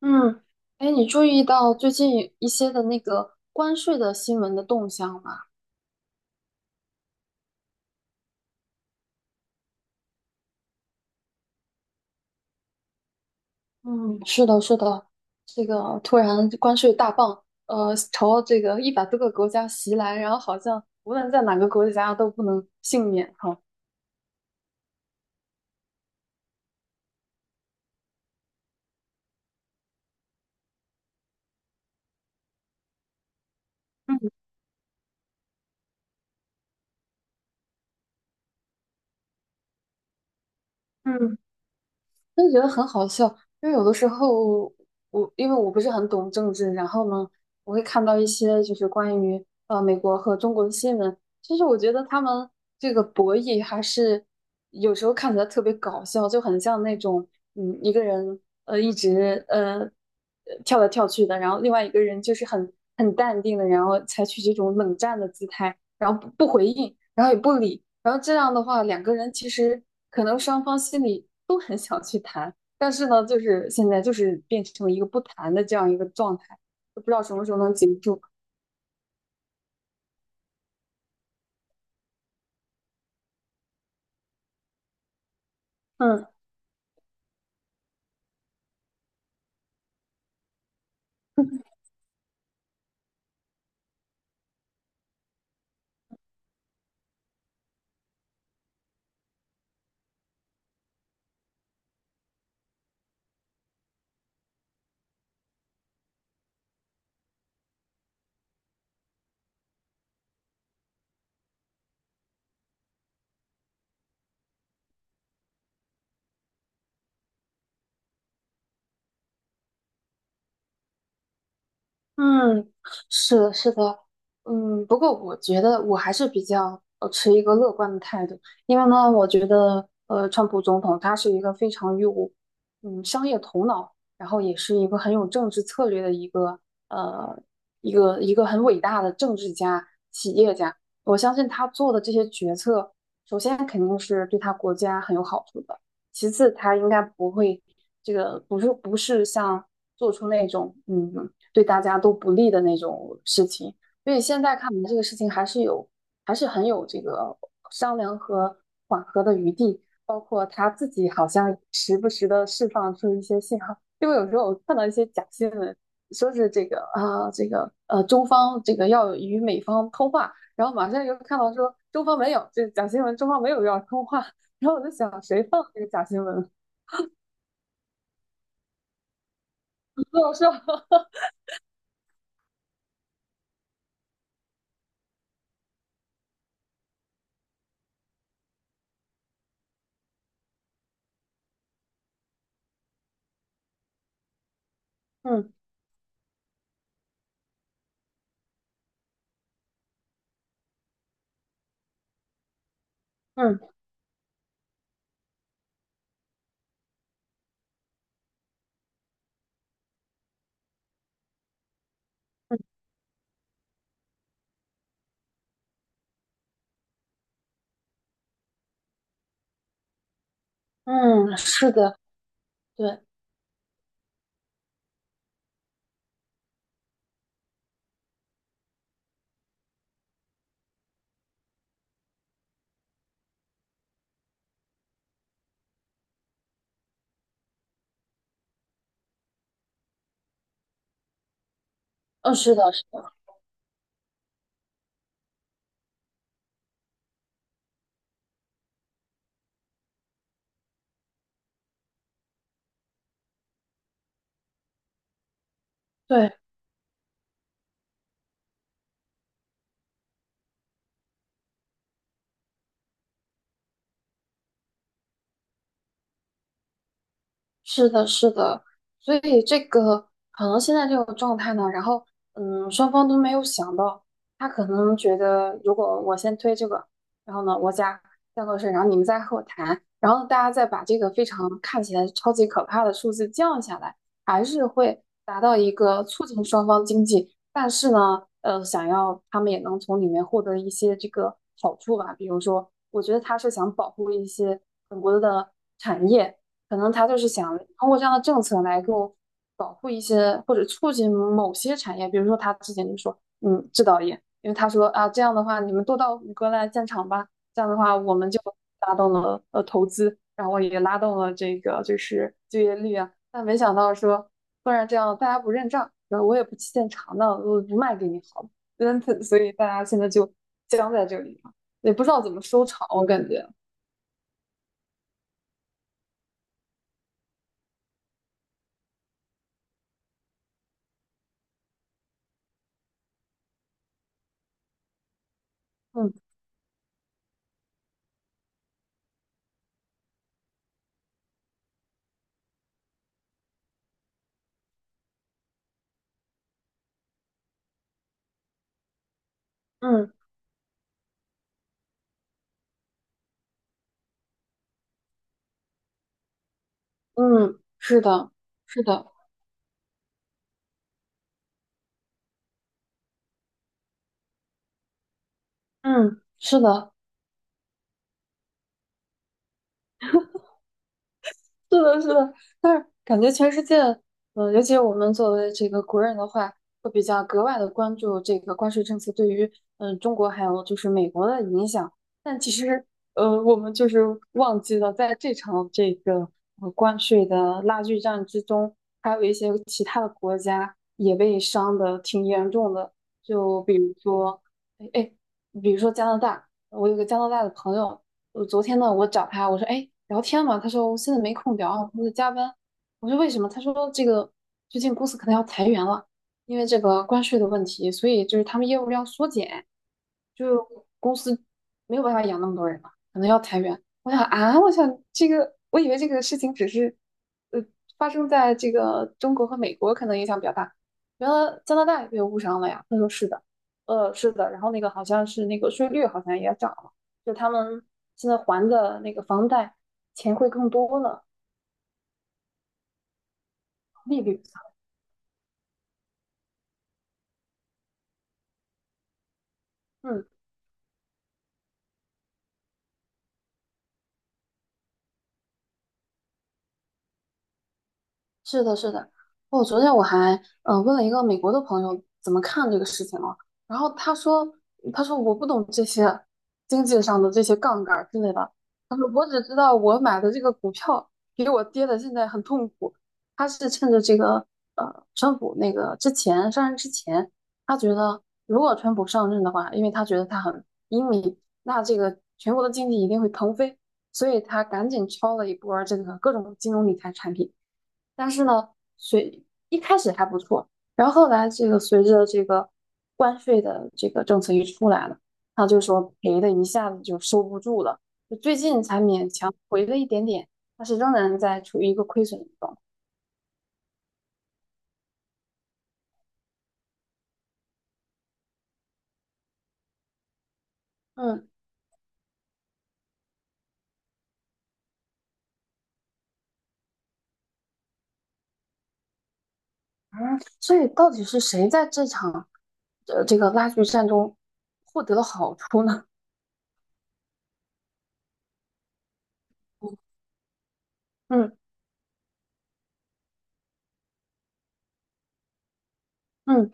嗯，哎，你注意到最近一些的那个关税的新闻的动向吗？嗯，是的，是的，这个突然关税大棒，朝这个一百多个国家袭来，然后好像无论在哪个国家都不能幸免哈。嗯嗯，真的觉得很好笑，因为有的时候因为我不是很懂政治，然后呢，我会看到一些就是关于美国和中国的新闻，其实我觉得他们这个博弈还是有时候看起来特别搞笑，就很像那种一个人一直跳来跳去的，然后另外一个人就是很淡定的，然后采取这种冷战的姿态，然后不回应，然后也不理，然后这样的话，两个人其实可能双方心里都很想去谈，但是呢，就是现在就是变成了一个不谈的这样一个状态，就不知道什么时候能结束。嗯嗯，是的，是的，嗯，不过我觉得我还是比较持一个乐观的态度，因为呢，我觉得川普总统他是一个非常有商业头脑，然后也是一个很有政治策略的呃一个很伟大的政治家、企业家。我相信他做的这些决策，首先肯定是对他国家很有好处的，其次他应该不会这个不是像做出那种对大家都不利的那种事情。所以现在看来，这个事情还是有，还是很有这个商量和缓和的余地。包括他自己好像时不时的释放出一些信号，因为有时候我看到一些假新闻，说是这个啊，这个中方这个要与美方通话，然后马上又看到说中方没有，这假新闻，中方没有要通话，然后我就想谁放这个假新闻？不好说，嗯嗯嗯嗯，是的，对，嗯，是的，是的，对，是的，是的，所以这个可能现在这种状态呢，然后双方都没有想到，他可能觉得如果我先推这个，然后呢，我家再后税，然后你们再和我谈，然后大家再把这个非常看起来超级可怕的数字降下来，还是会达到一个促进双方经济，但是呢，想要他们也能从里面获得一些这个好处吧，比如说，我觉得他是想保护一些本国的产业。可能他就是想通过这样的政策来给我保护一些或者促进某些产业，比如说他之前就说，嗯，制造业，因为他说啊，这样的话你们都到谷歌来建厂吧，这样的话我们就拉动了投资，然后也拉动了这个就是就业率啊，但没想到说突然这样大家不认账，然后我也不去建厂，那我不卖给你好了，嗯，所以大家现在就僵在这里了，也不知道怎么收场，我感觉，嗯嗯嗯，是的，是的。嗯，是的，是的，是的，但是感觉全世界，嗯、尤其我们作为这个国人的话，会比较格外的关注这个关税政策对于，嗯、中国还有就是美国的影响。但其实，我们就是忘记了，在这场这个关税的拉锯战之中，还有一些其他的国家也被伤的挺严重的，就比如说，哎，哎，比如说加拿大，我有个加拿大的朋友。我昨天呢，我找他，我说，哎，聊天嘛，他说我现在没空聊，我在加班。我说为什么？他说这个最近公司可能要裁员了，因为这个关税的问题，所以就是他们业务量缩减，就公司没有办法养那么多人了，可能要裁员。我想啊，我想这个，我以为这个事情只是呃发生在这个中国和美国，可能影响比较大，原来加拿大也被误伤了呀。他说是的，是的，然后那个好像是那个税率好像也涨了。就他们现在还的那个房贷钱会更多了，利率。嗯，是的，是的。哦，昨天我还问了一个美国的朋友怎么看这个事情哦，然后他说我不懂这些经济上的这些杠杆儿之类的，他说我只知道我买的这个股票比我跌的现在很痛苦，他是趁着这个川普那个之前上任之前，他觉得如果川普上任的话，因为他觉得他很英明，那这个全国的经济一定会腾飞，所以他赶紧抄了一波儿这个各种金融理财产品。但是呢，随一开始还不错，然后后来这个随着这个关税的这个政策一出来了，他就说赔的一下子就收不住了，就最近才勉强回了一点点，但是仍然在处于一个亏损的状态。嗯嗯，所以到底是谁在这场这个拉锯战中获得了好处呢？嗯嗯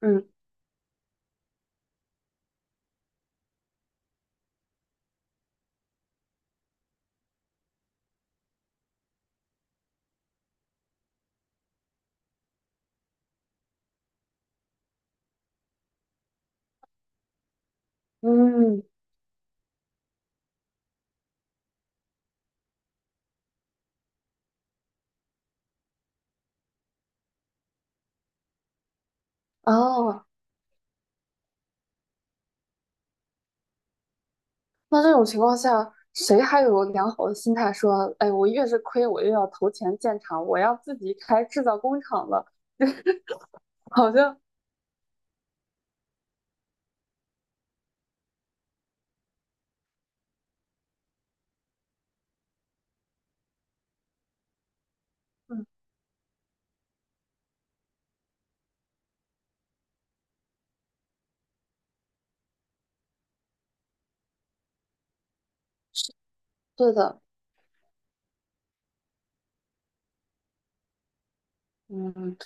嗯嗯，哦，那这种情况下，谁还有良好的心态说，哎，我越是亏，我越要投钱建厂，我要自己开制造工厂了？好像，嗯，对的，嗯，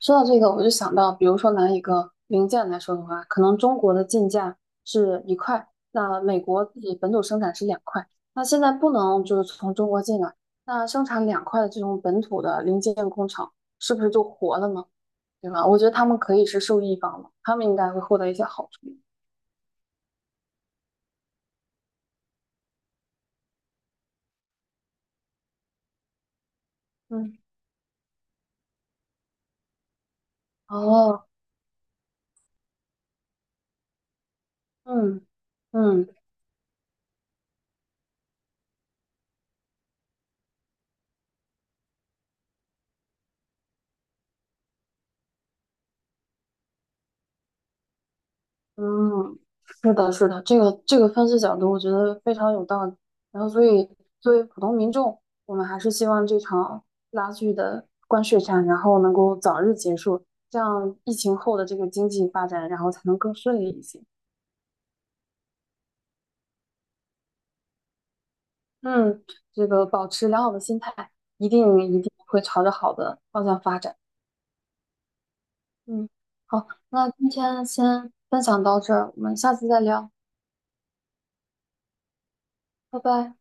说到这个，我就想到，比如说拿一个零件来说的话，可能中国的进价是一块，那美国自己本土生产是两块，那现在不能就是从中国进来，那生产两块的这种本土的零件工厂，是不是就活了呢？对吧？我觉得他们可以是受益方了，他们应该会获得一些好处。嗯，哦，嗯嗯嗯，是的，是的，这个这个分析角度我觉得非常有道理。然后，所以作为普通民众，我们还是希望这场拉锯的关税战，然后能够早日结束，这样疫情后的这个经济发展，然后才能更顺利一些。嗯，这个保持良好的心态，一定一定会朝着好的方向发展。嗯，好，那今天先分享到这儿，我们下次再聊，拜拜。